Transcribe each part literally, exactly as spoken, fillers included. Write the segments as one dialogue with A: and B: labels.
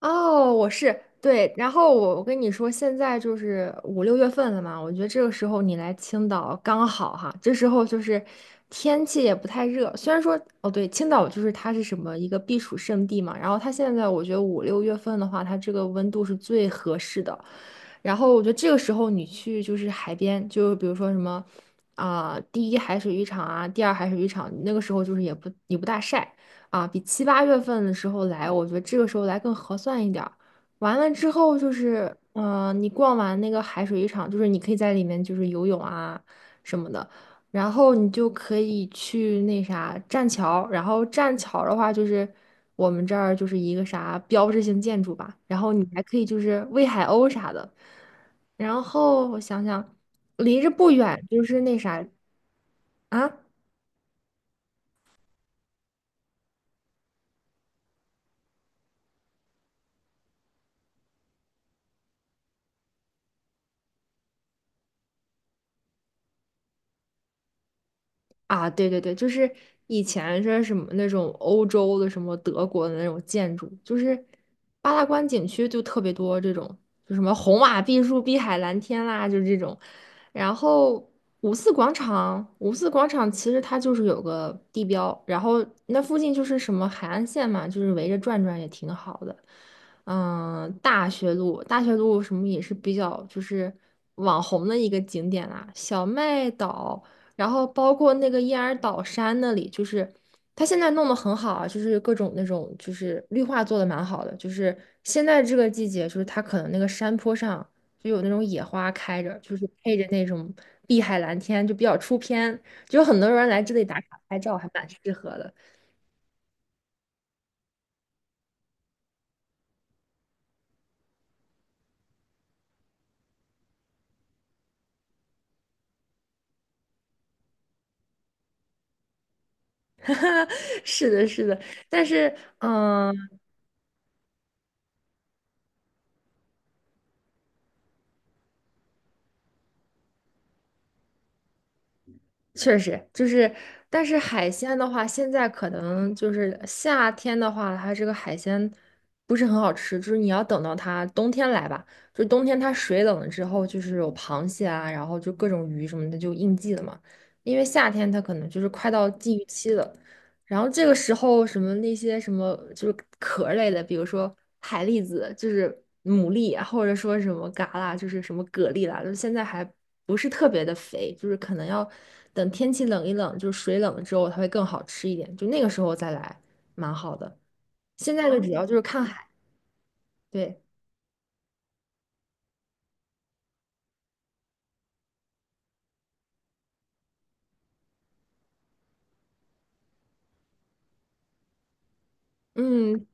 A: 哦，我是对，然后我我跟你说，现在就是五六月份了嘛，我觉得这个时候你来青岛刚好哈，这时候就是天气也不太热，虽然说哦对，青岛就是它是什么一个避暑胜地嘛，然后它现在我觉得五六月份的话，它这个温度是最合适的，然后我觉得这个时候你去就是海边，就比如说什么啊、第一海水浴场啊，第二海水浴场，那个时候就是也不也不大晒。啊，比七八月份的时候来，我觉得这个时候来更合算一点儿。完了之后就是，嗯，你逛完那个海水浴场，就是你可以在里面就是游泳啊什么的，然后你就可以去那啥栈桥，然后栈桥的话就是我们这儿就是一个啥标志性建筑吧，然后你还可以就是喂海鸥啥的，然后我想想，离着不远就是那啥啊。啊，对对对，就是以前是什么那种欧洲的什么德国的那种建筑，就是八大关景区就特别多这种，就什么红瓦碧树、碧海蓝天啦，就这种。然后五四广场，五四广场其实它就是有个地标，然后那附近就是什么海岸线嘛，就是围着转转也挺好的。嗯，大学路，大学路什么也是比较就是网红的一个景点啦，小麦岛。然后包括那个燕儿岛山那里，就是它现在弄得很好啊，就是各种那种就是绿化做的蛮好的，就是现在这个季节，就是它可能那个山坡上就有那种野花开着，就是配着那种碧海蓝天，就比较出片，就有很多人来这里打卡拍照，还蛮适合的。是的，是的，但是嗯。呃确实就是，但是海鲜的话，现在可能就是夏天的话，它这个海鲜不是很好吃，就是你要等到它冬天来吧，就冬天它水冷了之后，就是有螃蟹啊，然后就各种鱼什么的就应季了嘛，因为夏天它可能就是快到禁渔期了，然后这个时候什么那些什么就是壳儿类的，比如说海蛎子，就是牡蛎啊或者说什么蛤啦，就是什么蛤蜊啦，就是现在还不是特别的肥，就是可能要等天气冷一冷，就是水冷了之后，它会更好吃一点，就那个时候再来，蛮好的。现在哦的主要就是看海，对，嗯，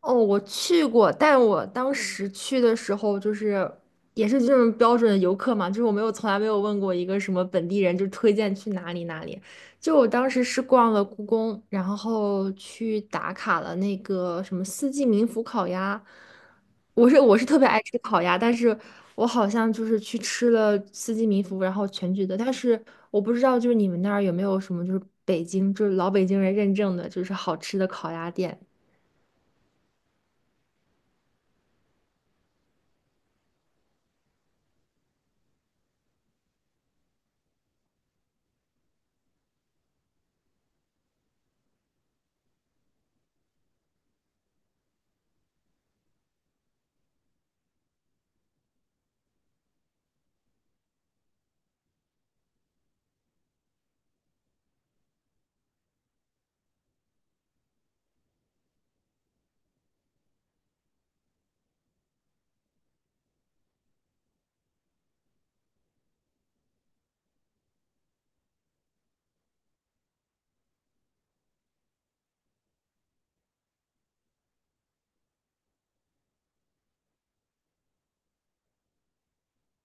A: 哦，我去过，但我当时去的时候就是也是这种标准的游客嘛，就是我没有从来没有问过一个什么本地人，就推荐去哪里哪里。就我当时是逛了故宫，然后去打卡了那个什么四季民福烤鸭。我是我是特别爱吃烤鸭，但是我好像就是去吃了四季民福，然后全聚德，但是我不知道就是你们那儿有没有什么就是北京就是老北京人认证的就是好吃的烤鸭店。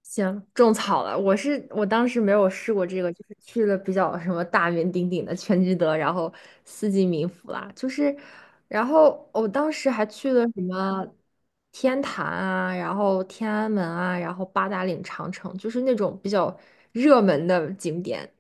A: 行，种草了。我是我当时没有试过这个，就是去了比较什么大名鼎鼎的全聚德，然后四季民福啦，就是，然后我当时还去了什么天坛啊，然后天安门啊，然后八达岭长城，就是那种比较热门的景点。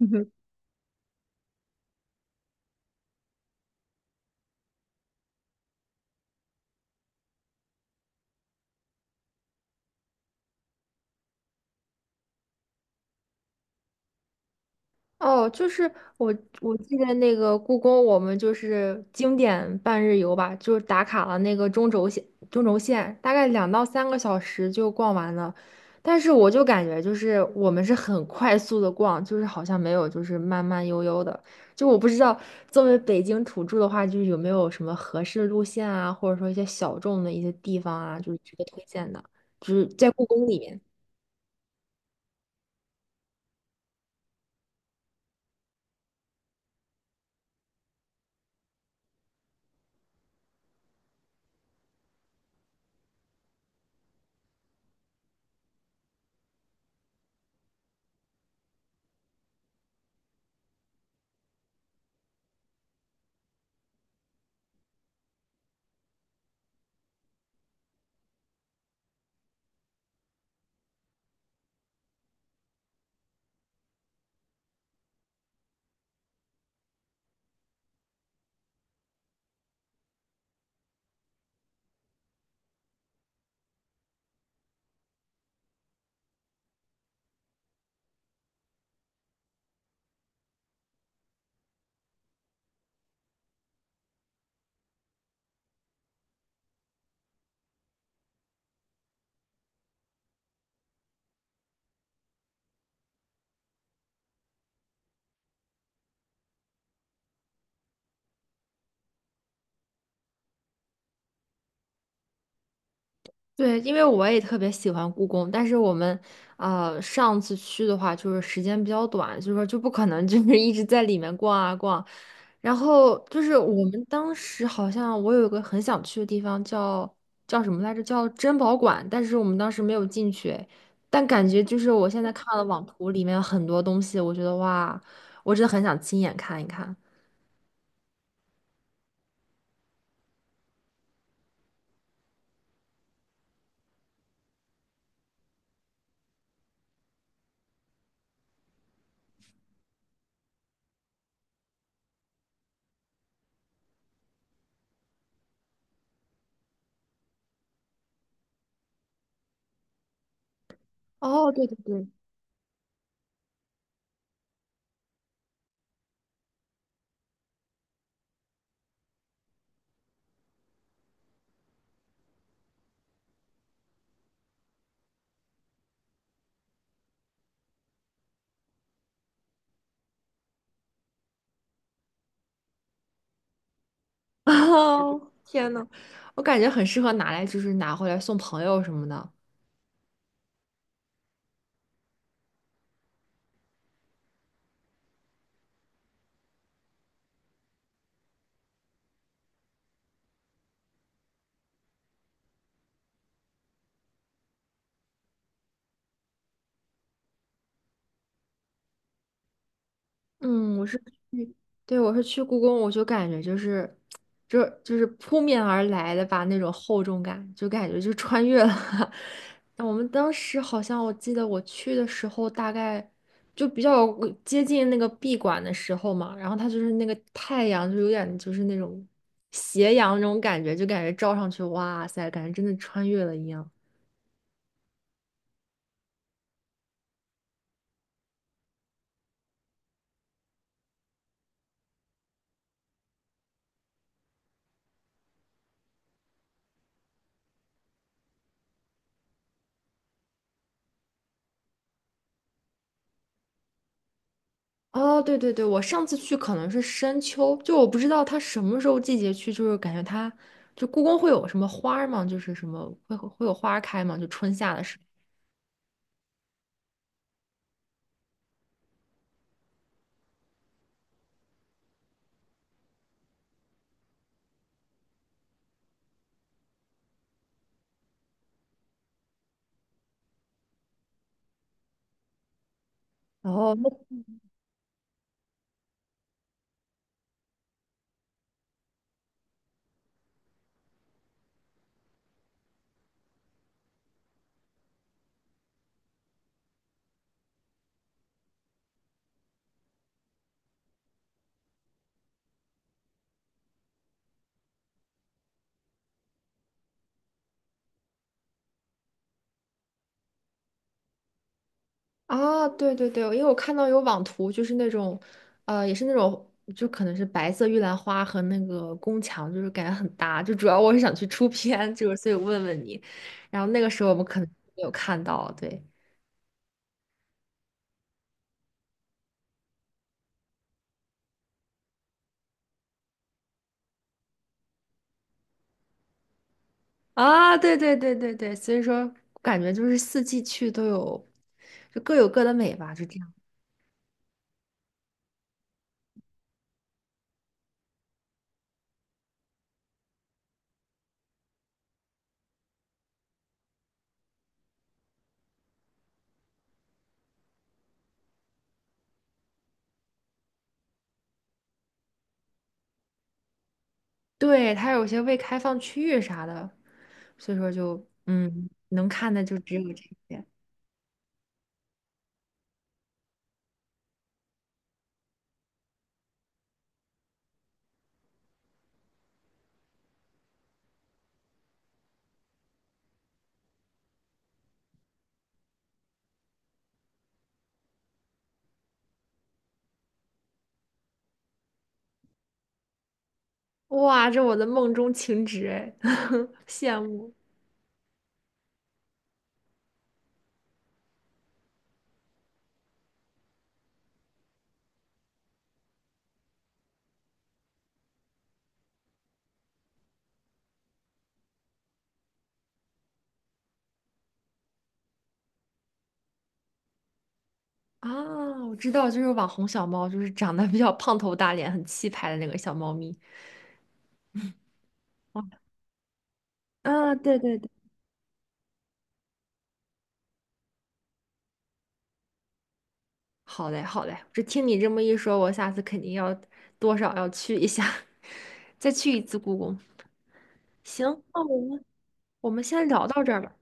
A: 哦，就是我我记得那个故宫，我们就是经典半日游吧，就是打卡了那个中轴线，中轴线大概两到三个小时就逛完了。但是我就感觉就是我们是很快速的逛，就是好像没有就是慢慢悠悠的。就我不知道作为北京土著的话，就是有没有什么合适路线啊，或者说一些小众的一些地方啊，就是值得推荐的，就是在故宫里面。对，因为我也特别喜欢故宫，但是我们呃上次去的话，就是时间比较短，就是说就不可能就是一直在里面逛啊逛。然后就是我们当时好像我有一个很想去的地方叫叫什么来着？叫珍宝馆，但是我们当时没有进去。但感觉就是我现在看了网图里面很多东西，我觉得哇，我真的很想亲眼看一看。哦，对对对。哦，天呐，我感觉很适合拿来，就是拿回来送朋友什么的。嗯，我是去，对，我是去故宫，我就感觉就是，就就是扑面而来的吧，那种厚重感，就感觉就穿越了。我们当时好像我记得我去的时候，大概就比较接近那个闭馆的时候嘛，然后它就是那个太阳就有点就是那种斜阳那种感觉，就感觉照上去，哇塞，感觉真的穿越了一样。哦，对对对，我上次去可能是深秋，就我不知道它什么时候季节去，就是感觉它就故宫会有什么花儿吗？就是什么会会有花儿开吗？就春夏的时候。然后啊，对对对，因为我看到有网图，就是那种呃，也是那种就可能是白色玉兰花和那个宫墙，就是感觉很搭。就主要我是想去出片，就是所以问问你，然后那个时候我们可能没有看到，对。啊，对对对对对，所以说感觉就是四季去都有，就各有各的美吧，就这样。对，它有些未开放区域啥的，所以说就嗯，能看的就只有这些。哇，这我的梦中情植哎，羡慕啊！我知道，就是网红小猫，就是长得比较胖头大脸、很气派的那个小猫咪。啊，对对对。好嘞，好嘞，这听你这么一说，我下次肯定要多少要去一下，再去一次故宫。行，那我们我们先聊到这儿吧。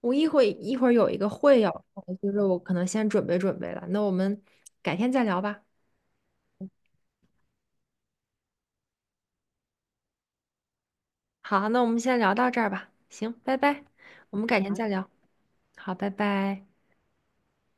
A: 我一会一会儿有一个会要开，就是我可能先准备准备了。那我们改天再聊吧。好，那我们先聊到这儿吧。行，拜拜，我们改天好再聊。好，拜拜。